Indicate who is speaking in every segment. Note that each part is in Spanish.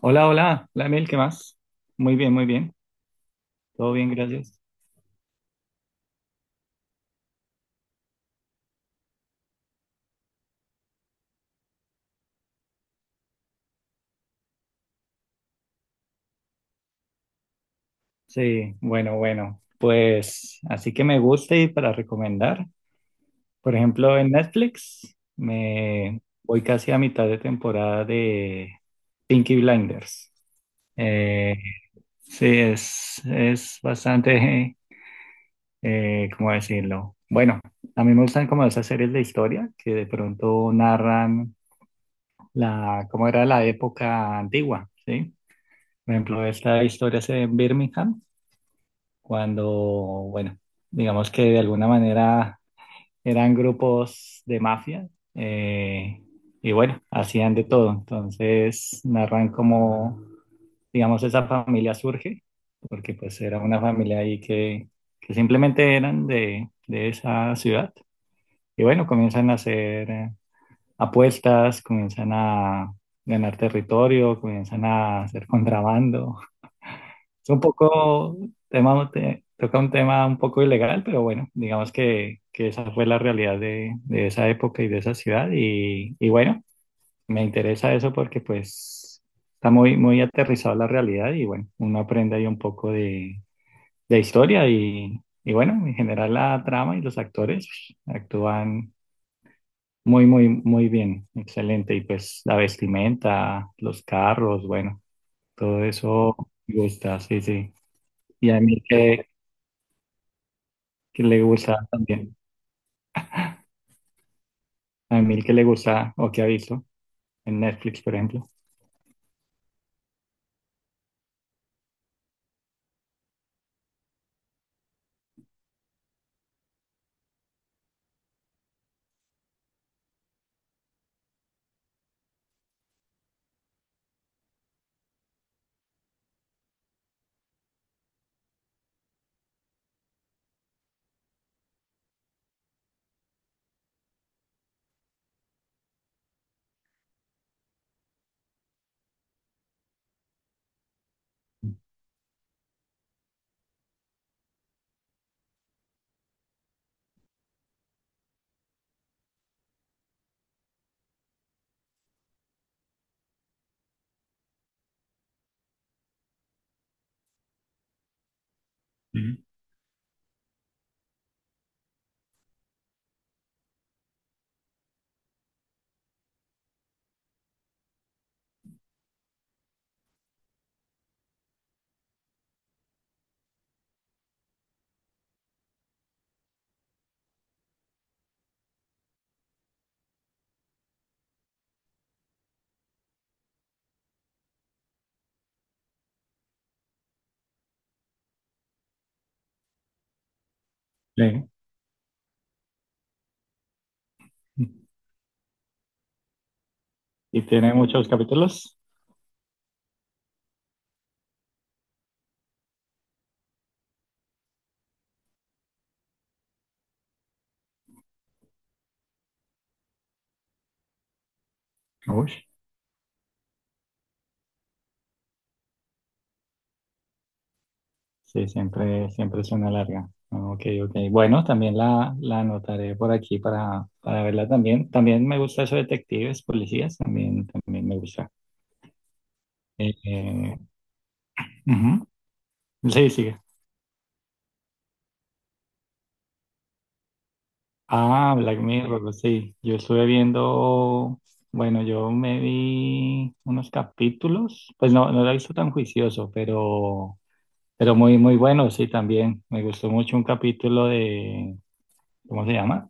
Speaker 1: Hola, hola, hola Emil, ¿qué más? Muy bien, todo bien, gracias. Sí, bueno, bueno, pues así que me gusta y para recomendar, por ejemplo, en Netflix me voy casi a mitad de temporada de Pinky Blinders. Eh, sí, es bastante, ¿cómo decirlo? Bueno, a mí me gustan como esas series de historia que de pronto narran la, cómo era la época antigua, ¿sí? Por ejemplo, esta historia se ve en Birmingham, cuando, bueno, digamos que de alguna manera eran grupos de mafia eh, y bueno, hacían de todo. Entonces narran cómo, digamos, esa familia surge, porque pues era una familia ahí que simplemente eran de esa ciudad. Y bueno, comienzan a hacer apuestas, comienzan a ganar territorio, comienzan a hacer contrabando. Es un poco, tema, toca un tema un poco ilegal, pero bueno, digamos que esa fue la realidad de esa época y de esa ciudad. Y bueno, me interesa eso porque pues está muy, muy aterrizado la realidad y bueno, uno aprende ahí un poco de historia y bueno, en general la trama y los actores actúan muy, muy, muy bien, excelente. Y pues la vestimenta, los carros, bueno, todo eso me gusta, sí, sí. Y a mí que le gusta también. A mí que le gusta o que ha visto en Netflix, por ejemplo. Ujú. Sí. Y tiene muchos capítulos. Uy. Sí, siempre, siempre es una larga. Ok, ok. Bueno, también la anotaré por aquí para verla también. También me gusta eso de detectives, policías, también, también me gusta. Eh, eh, ujú. Sí, sigue. Ah, Black Mirror, pues sí. Yo estuve viendo, bueno, yo me vi unos capítulos, pues no, no lo he visto tan juicioso, pero muy, muy bueno, sí, también. Me gustó mucho un capítulo de, ¿cómo se llama?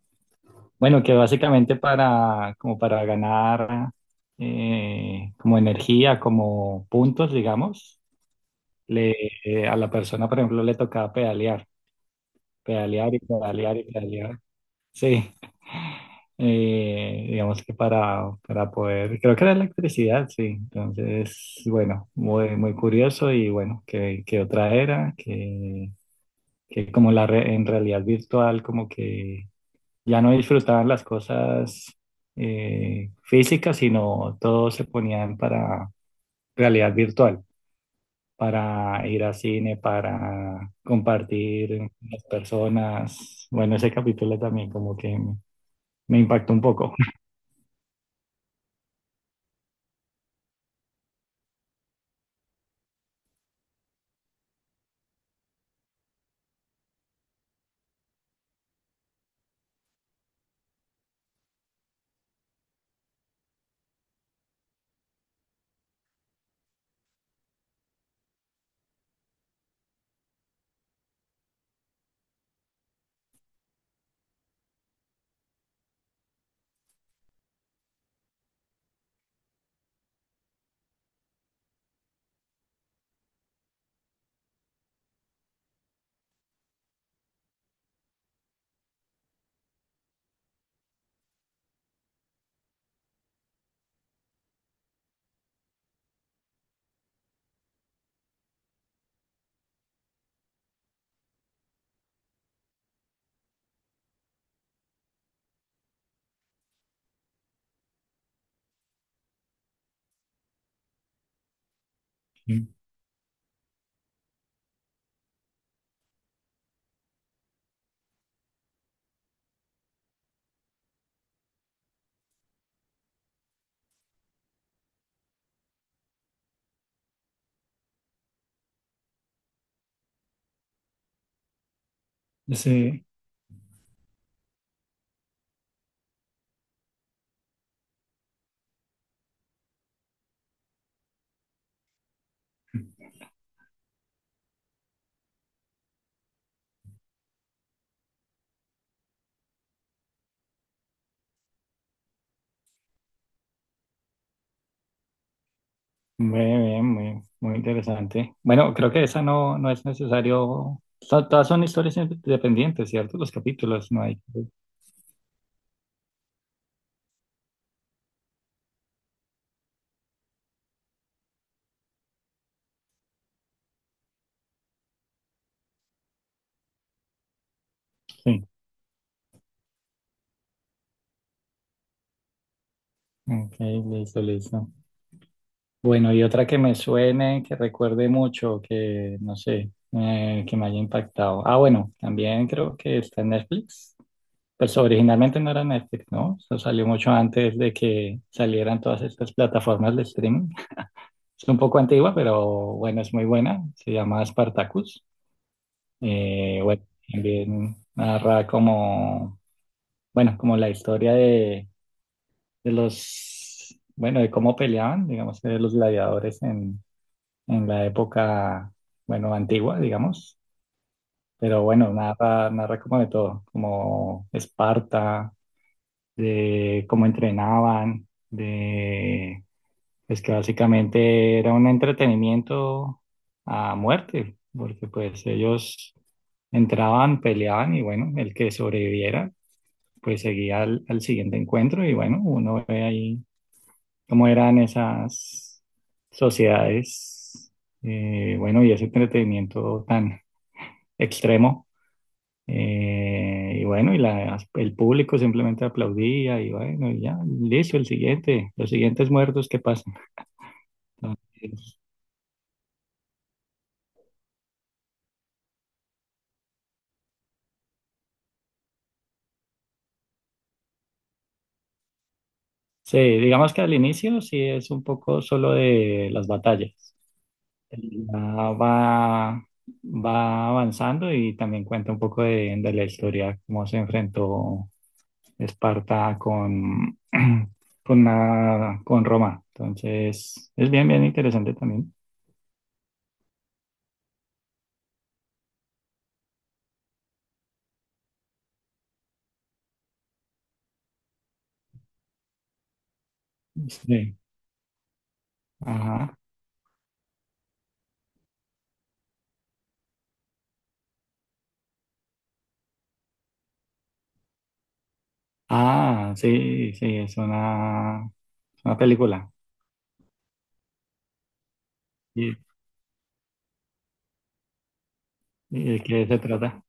Speaker 1: Bueno, que básicamente para, como para ganar, como energía, como puntos, digamos, le, a la persona, por ejemplo, le tocaba pedalear, pedalear y pedalear y pedalear. Sí, digamos que para poder, creo que era electricidad, sí. Entonces, bueno, muy, muy curioso y bueno, que otra era, que como la en realidad virtual, como que ya no disfrutaban las cosas físicas, sino todo se ponían para realidad virtual, para ir al cine, para compartir con las personas. Bueno, ese capítulo también como que me impactó un poco. Sí, muy bien, muy, muy interesante. Bueno, creo que esa no, no es necesario. Todas son historias independientes, ¿cierto? Los capítulos, no hay. Sí. Ok, listo, listo. Bueno, y otra que me suene, que recuerde mucho, que no sé, que me haya impactado. Ah, bueno, también creo que está en Netflix. Pues originalmente no era Netflix, ¿no? Eso salió mucho antes de que salieran todas estas plataformas de streaming. Es un poco antigua, pero bueno, es muy buena. Se llama Spartacus. Bueno, también narra como, bueno, como la historia de los, bueno, de cómo peleaban, digamos, de los gladiadores en la época, bueno, antigua, digamos. Pero bueno, narra, narra como de todo, como Esparta, de cómo entrenaban, de pues que básicamente era un entretenimiento a muerte, porque pues ellos entraban, peleaban y bueno, el que sobreviviera pues seguía al siguiente encuentro y bueno, uno ve ahí cómo eran esas sociedades, bueno, y ese entretenimiento tan extremo. eh, y bueno, y el público simplemente aplaudía y bueno, y ya, listo, el siguiente, los siguientes muertos que pasan. Entonces, sí, digamos que al inicio sí es un poco solo de las batallas. Ya va, va avanzando y también cuenta un poco de la historia, cómo se enfrentó Esparta con, con, con Roma. Entonces, es bien, bien interesante también. Sí, ajá. Ah, sí, sí, es una película. ¿Y, y de qué se trata?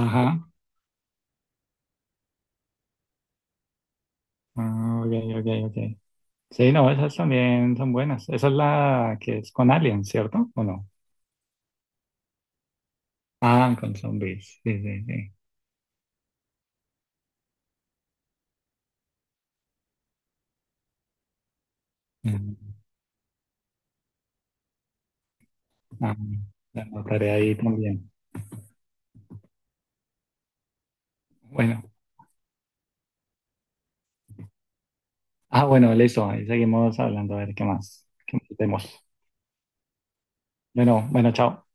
Speaker 1: Ajá. Ah, ok, ok, ok. Sí, no, esas también son buenas. Esa es la que es con aliens, ¿cierto? ¿O no? Ah, con zombies. Sí, sí, sí. Mm. Ah, la anotaré ahí también. Bueno. Ah, bueno, listo. Ahí seguimos hablando a ver qué más. ¿Qué más tenemos? Bueno, bueno, chao.